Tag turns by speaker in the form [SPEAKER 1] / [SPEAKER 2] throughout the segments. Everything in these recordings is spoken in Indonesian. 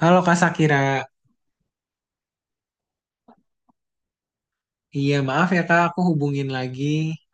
[SPEAKER 1] Halo Kak Sakira, iya maaf ya Kak, aku hubungin lagi.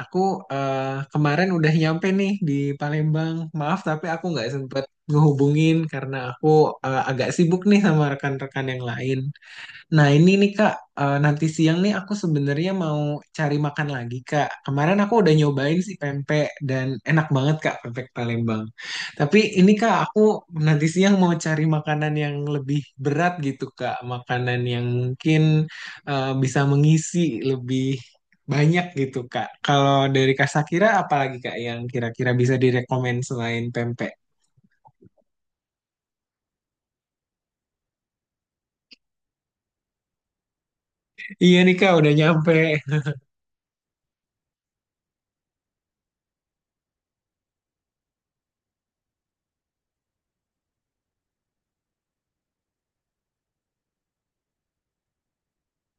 [SPEAKER 1] Aku eh, kemarin udah nyampe nih di Palembang. Maaf tapi aku nggak sempet ngehubungin karena agak sibuk nih sama rekan-rekan yang lain. Nah, ini nih Kak, nanti siang nih aku sebenarnya mau cari makan lagi Kak. Kemarin aku udah nyobain si pempek dan enak banget Kak pempek Palembang. Tapi ini Kak, aku nanti siang mau cari makanan yang lebih berat gitu Kak, makanan yang mungkin bisa mengisi lebih banyak gitu Kak. Kalau dari Kak Sakira apalagi Kak yang kira-kira bisa direkomend selain pempek? Iya nih Kak, udah nyampe.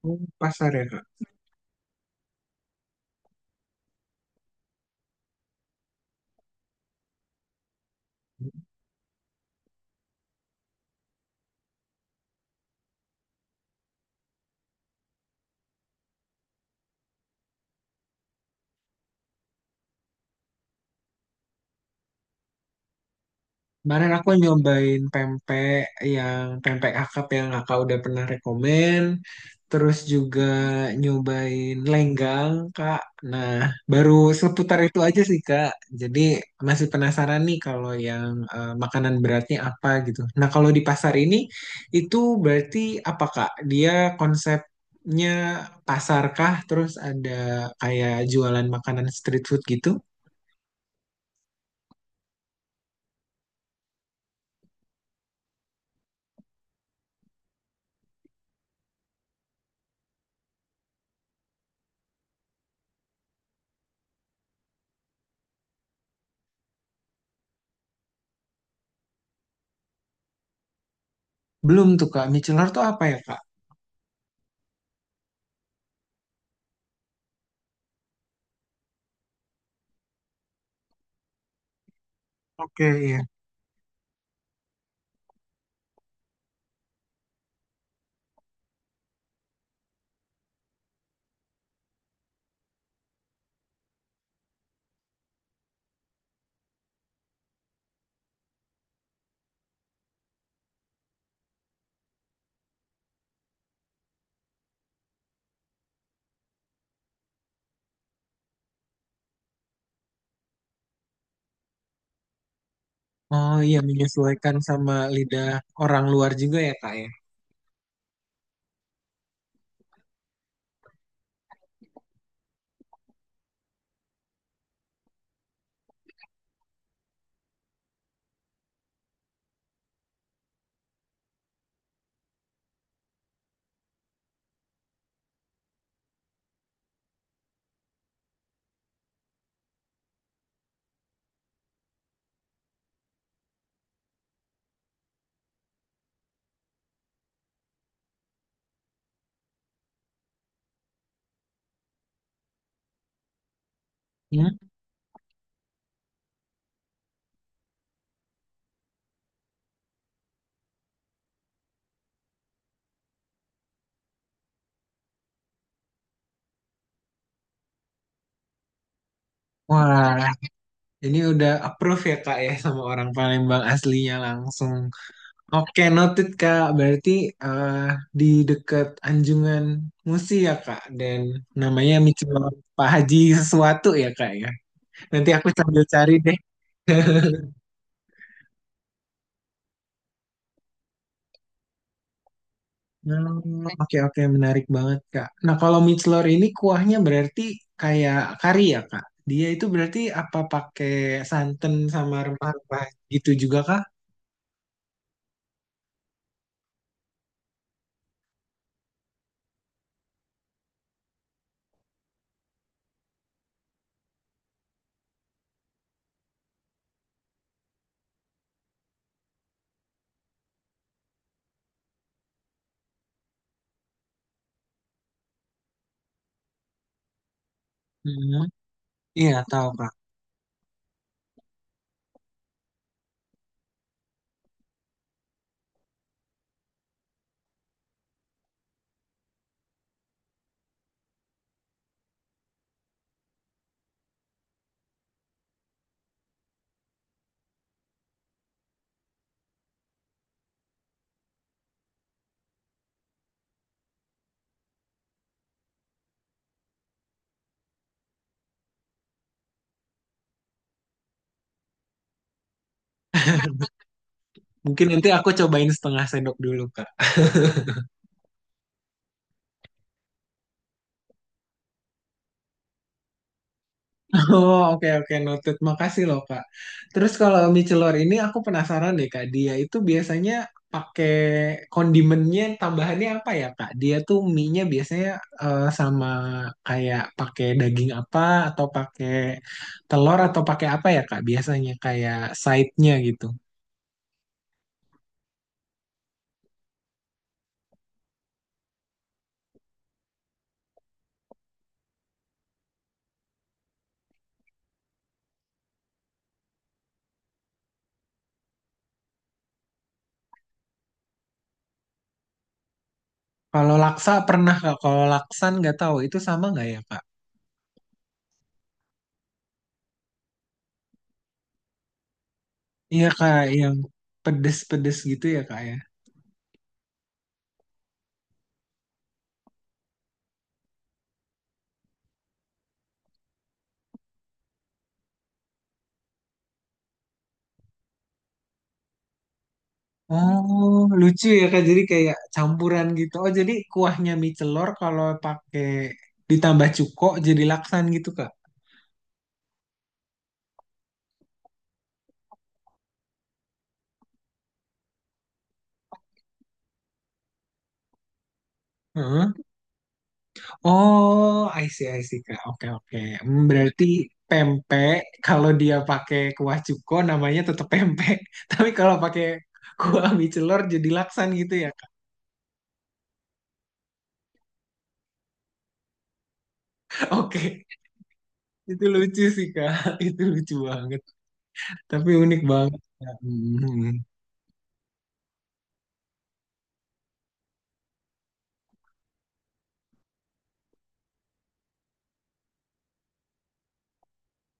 [SPEAKER 1] Oh, pasar ya Kak. Kemarin aku nyobain pempek yang pempek akap yang kakak udah pernah rekomen. Terus juga nyobain lenggang, Kak. Nah, baru seputar itu aja sih, Kak. Jadi masih penasaran nih kalau makanan beratnya apa gitu. Nah, kalau di pasar ini itu berarti apa, Kak? Dia konsepnya pasarkah? Terus ada kayak jualan makanan street food gitu? Belum tuh Kak, micellar tuh apa ya Kak? Oke, iya. Oh iya, menyesuaikan sama lidah orang luar juga ya Kak ya? Hmm? Wah, ini udah approve ya Kak ya sama orang Palembang aslinya langsung. Oke, noted Kak. Berarti eh, di dekat Anjungan Musi ya Kak, dan namanya micellar Pak Haji sesuatu ya Kak ya. Nanti aku sambil cari deh. Hmm, oke oke menarik banget Kak. Nah, kalau mixler ini kuahnya berarti kayak kari ya Kak. Dia itu berarti apa pakai santan sama rempah-rempah gitu juga Kak? Hmm, iya, tahu Kak. Mungkin nanti aku cobain setengah sendok dulu Kak. Oh, oke oke noted. Makasih loh, Kak. Terus kalau mie celor ini aku penasaran deh, Kak. Dia itu biasanya pakai kondimennya tambahannya apa ya, Kak? Dia tuh mie-nya biasanya sama kayak pakai daging apa atau pakai telur atau pakai apa ya, Kak? Biasanya kayak side-nya gitu. Kalau laksa pernah, Kak. Kalau laksan nggak tahu itu sama nggak ya, Kak? Iya, Kak, yang pedes-pedes gitu ya, Kak ya. Oh, lucu ya Kak. Jadi kayak campuran gitu. Oh, jadi kuahnya mie celor kalau pakai ditambah cuko jadi laksan gitu, Kak. Heeh. Oh, I see, Kak. Oke, oke. Hmm, berarti pempek kalau dia pakai kuah cuko namanya tetap pempek. Tapi kalau pakai kuah mie celor jadi laksan gitu ya, Kak. Oke. Itu lucu sih, Kak. Itu lucu banget. Tapi unik banget. Kak. Hmm.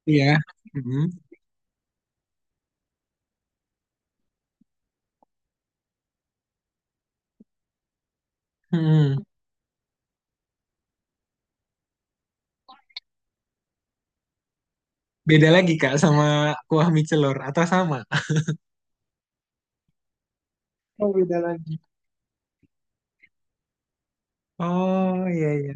[SPEAKER 1] Iya. Hmm. Hmm. Beda lagi Kak sama kuah mie celor atau sama? Oh, beda lagi. Oh iya iya.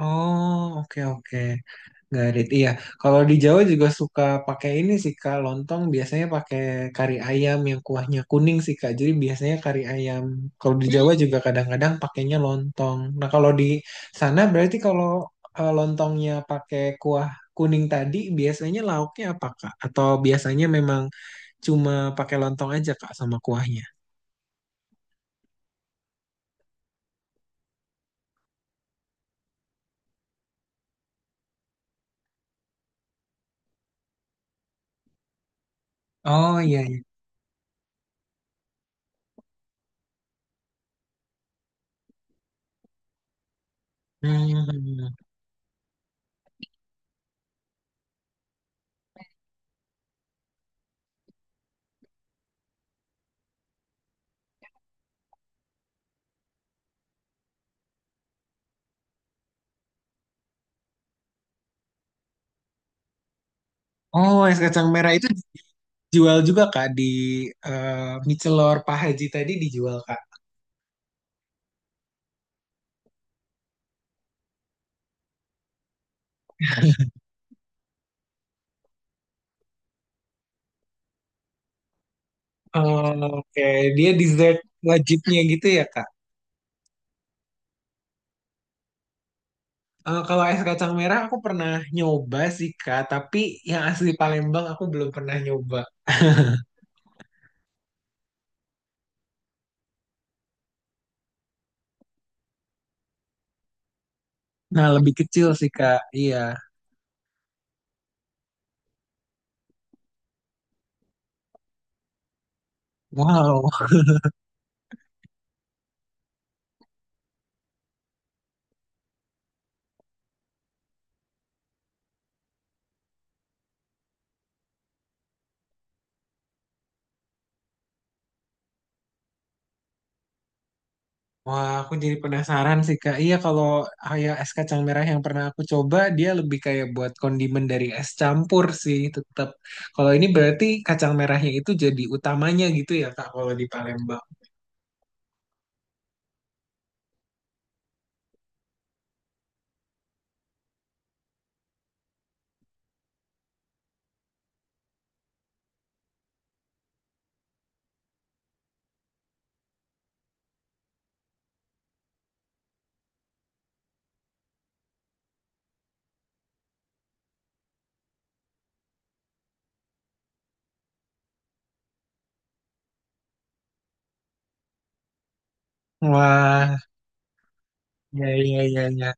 [SPEAKER 1] Oh oke oke. Garit. Iya. Kalau di Jawa juga suka pakai ini sih Kak, lontong biasanya pakai kari ayam yang kuahnya kuning sih Kak. Jadi biasanya kari ayam. Kalau di Jawa juga kadang-kadang pakainya lontong. Nah, kalau di sana berarti kalau lontongnya pakai kuah kuning tadi biasanya lauknya apa Kak? Atau biasanya memang cuma pakai lontong aja Kak sama kuahnya? Oh iya. Hmm. Oh, es kacang merah itu dijual juga Kak di Michelor Pak Haji tadi dijual Kak. Oh, oke, dia dessert wajibnya gitu ya Kak. Eh, kalau es kacang merah aku pernah nyoba sih Kak, tapi yang asli Palembang aku belum pernah nyoba. Nah, lebih kecil sih Kak. Iya. Wow. Wah, aku jadi penasaran sih, Kak. Iya, kalau kayak es kacang merah yang pernah aku coba, dia lebih kayak buat kondimen dari es campur sih, tetap. Kalau ini berarti kacang merahnya itu jadi utamanya gitu ya, Kak, kalau di Palembang. Wah, ya, ya, ya, ya.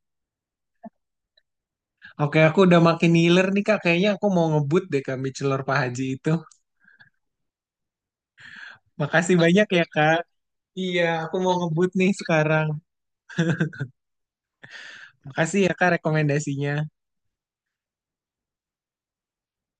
[SPEAKER 1] Oke, aku udah makin ngiler nih, Kak. Kayaknya aku mau ngebut deh, Kak, mie celor Pak Haji itu. Makasih banyak ya, Kak. Iya, aku mau ngebut nih sekarang. Makasih ya, Kak, rekomendasinya.